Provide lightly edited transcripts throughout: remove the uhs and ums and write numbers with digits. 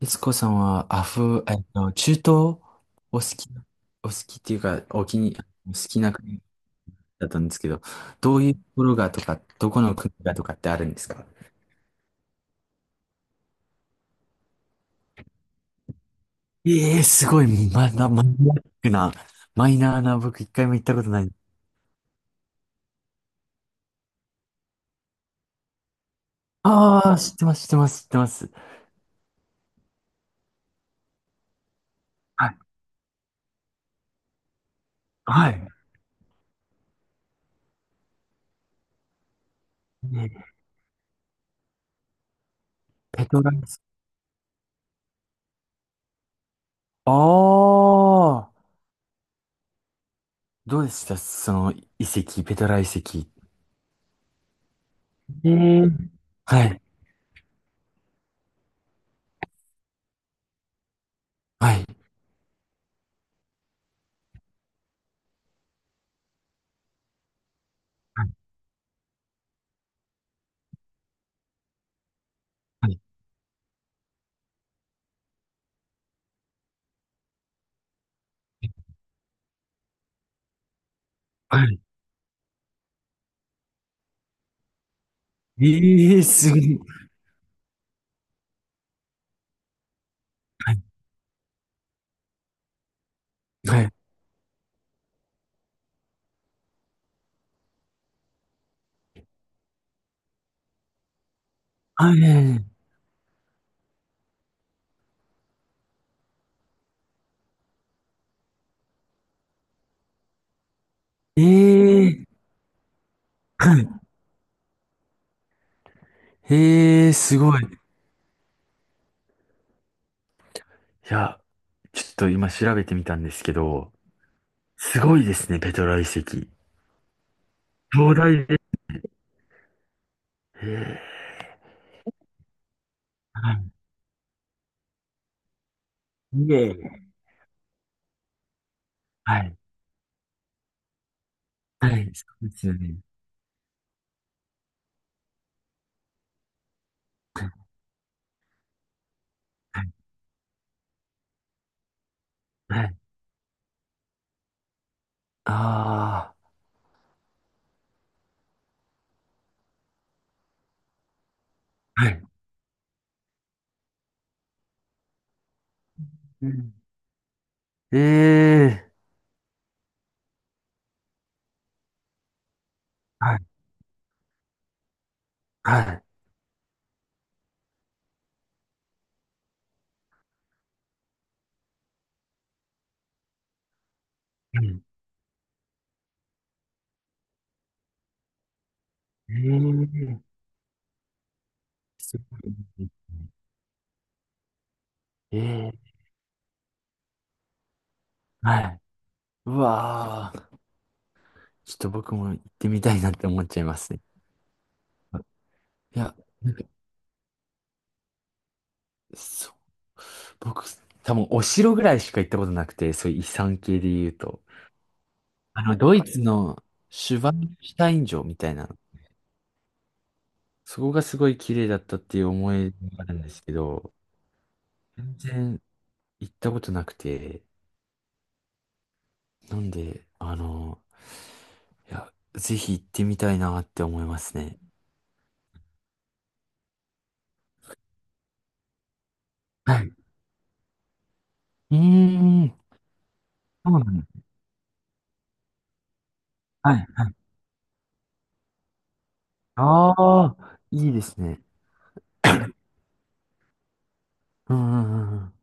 悦子さんはアフ、えっと、中東好き、お好きっていうか、お気に、好きな国だったんですけど、どういうところがとか、どこの国がとかってあるんですか？ええー、すごい。まだマニアックな、マイナーな。僕一回も行ったことない。ああ、知ってます、知ってます、知ってます。はい、はい。ね、ペトラ遺跡。ああ、どうでしたその遺跡、ペトラ遺跡？ええ、はい、はい、はい、はい。ええー、すごい。はい。はい。ええ、はい。ええ、すごい。いや、ちょっと今調べてみたんですけど、すごいですね、ペトラ遺跡。壮大で。ええ、はい。いえいえ、はい。はい。そうですよね。はい。はい。ああー、はい。うん、ええ、はい。はい。うん、ええ、すごい。ええ、はい。うわあ。ちょっと僕も行ってみたいなって思っちゃいますね。いや、そう。僕、多分お城ぐらいしか行ったことなくて、そういう遺産系で言うと。ドイツのシュバンシュタイン城みたいな、そこがすごい綺麗だったっていう思いがあるんですけど、全然行ったことなくて、なんで、いや、ぜひ行ってみたいなって思いますね。はい。うーん、そうなんだ。はい、はい。ああ、いいですね。うん、うん、うんうん。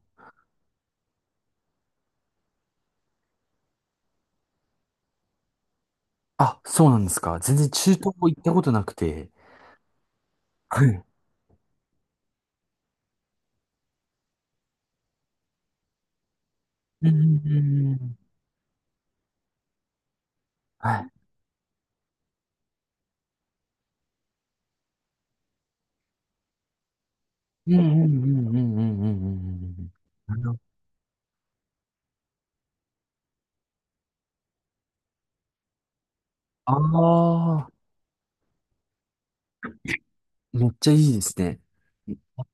あ、そうなんですか。全然中東も行ったことなくて。はい。うんうん、はい。うんうんうんうんうんうんうんうんうん。あの、ああ、めっちゃいいですね。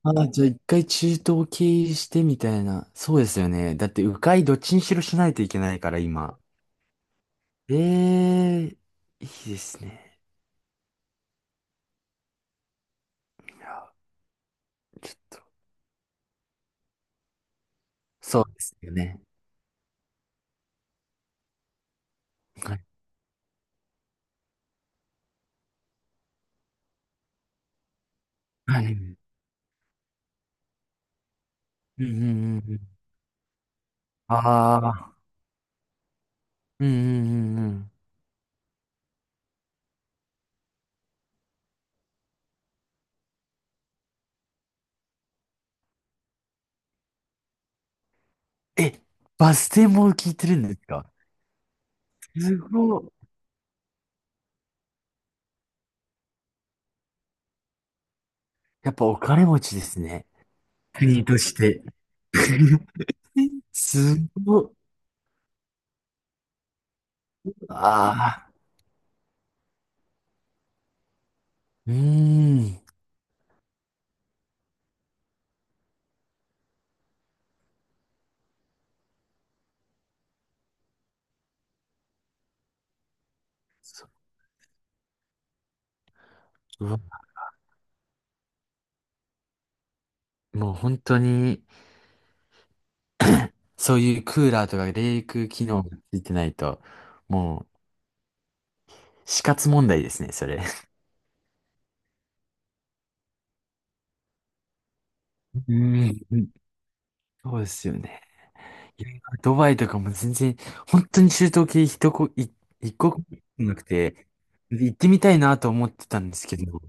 ああ、じゃあ一回中東経由してみたいな。そうですよね。だって迂回どっちにしろしないといけないから今。ええ、いいですね。いや、ちょっと。そうですよね。はい。はい。うんうんうんうん。ああ。うんうんうんうん。え、バス停も聞いてるんですか？すごい。やっぱお金持ちですね。国として。すごっ。ああ。うーん。うわ、もう本当に、そういうクーラーとか冷却機能がついてないと、もう死活問題ですね、それ。うん。そうですよね。いや、ドバイとかも全然、本当に中東系一こ、い一国もなくて、行ってみたいなと思ってたんですけど、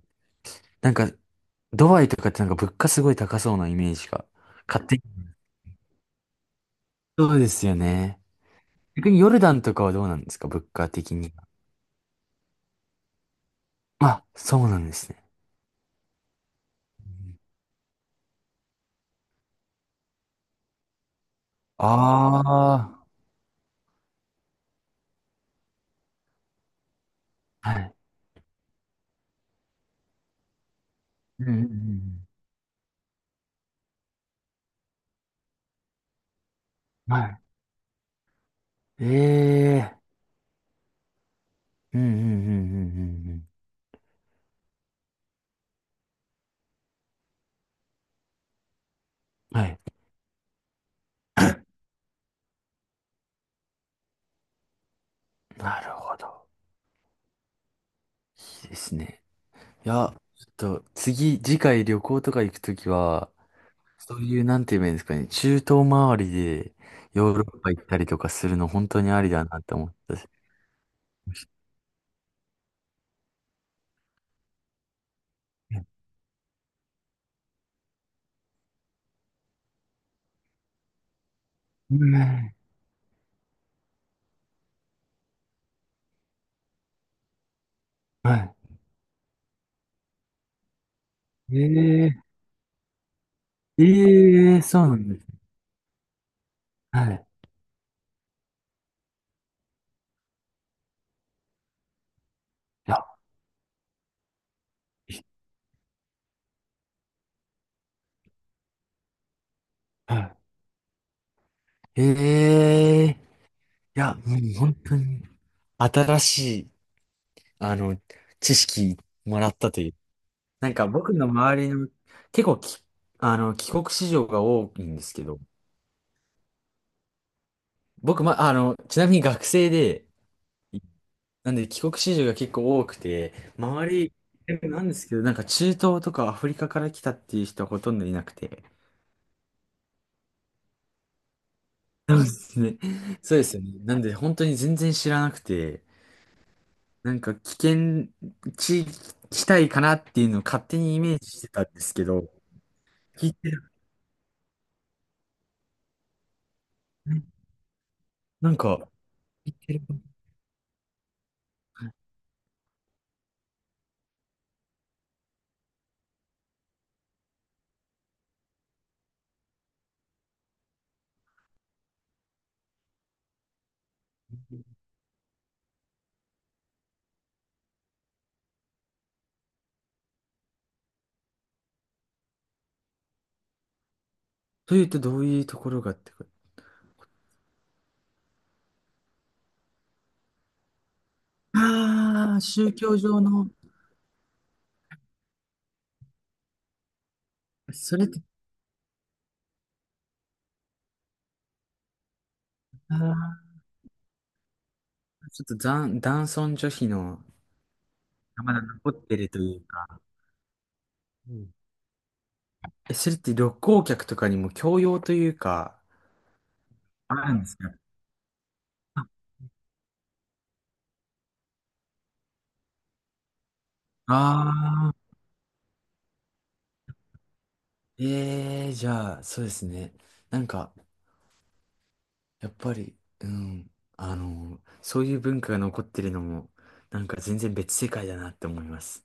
なんか、ドバイとかってなんか物価すごい高そうなイメージが、勝手に。そうですよね。逆にヨルダンとかはどうなんですか物価的には？あ、そうなんですね。ああ、はい。うんうんうん。はい。ええー、うんうんうんうんうんうん。はい。なるほど。いいですね。いや、ちょっと次回旅行とか行くときは、そういう、なんて言えばいいんですかね、中東周りでヨーロッパ行ったりとかするの本当にありだなって思ったし。うん。はい。ええーええー、そうなんですね。はい。いや、はい。ええ、いや、もう本当に新しい、あの、知識もらったという。なんか僕の周りの、結構き、あの、帰国子女が多いんですけど、僕、ま、あの、ちなみに学生で、なんで帰国子女が結構多くて、周り、なんですけど、なんか中東とかアフリカから来たっていう人はほとんどいなくて。そうですね。そうですよね。なんで本当に全然知らなくて、なんか危険地地帯かなっていうのを勝手にイメージしてたんですけど、聞いてる。なんか、というとどういうところがってこと？ああー、宗教上の、それって、ああ、ちょっと男尊女卑の、まだ残ってるというか、うん、え、それって旅行客とかにも教養というか、あるんですか？ああー、ええー、じゃあ、そうですね。なんか、やっぱり、うん、そういう文化が残ってるのも、なんか全然別世界だなって思います。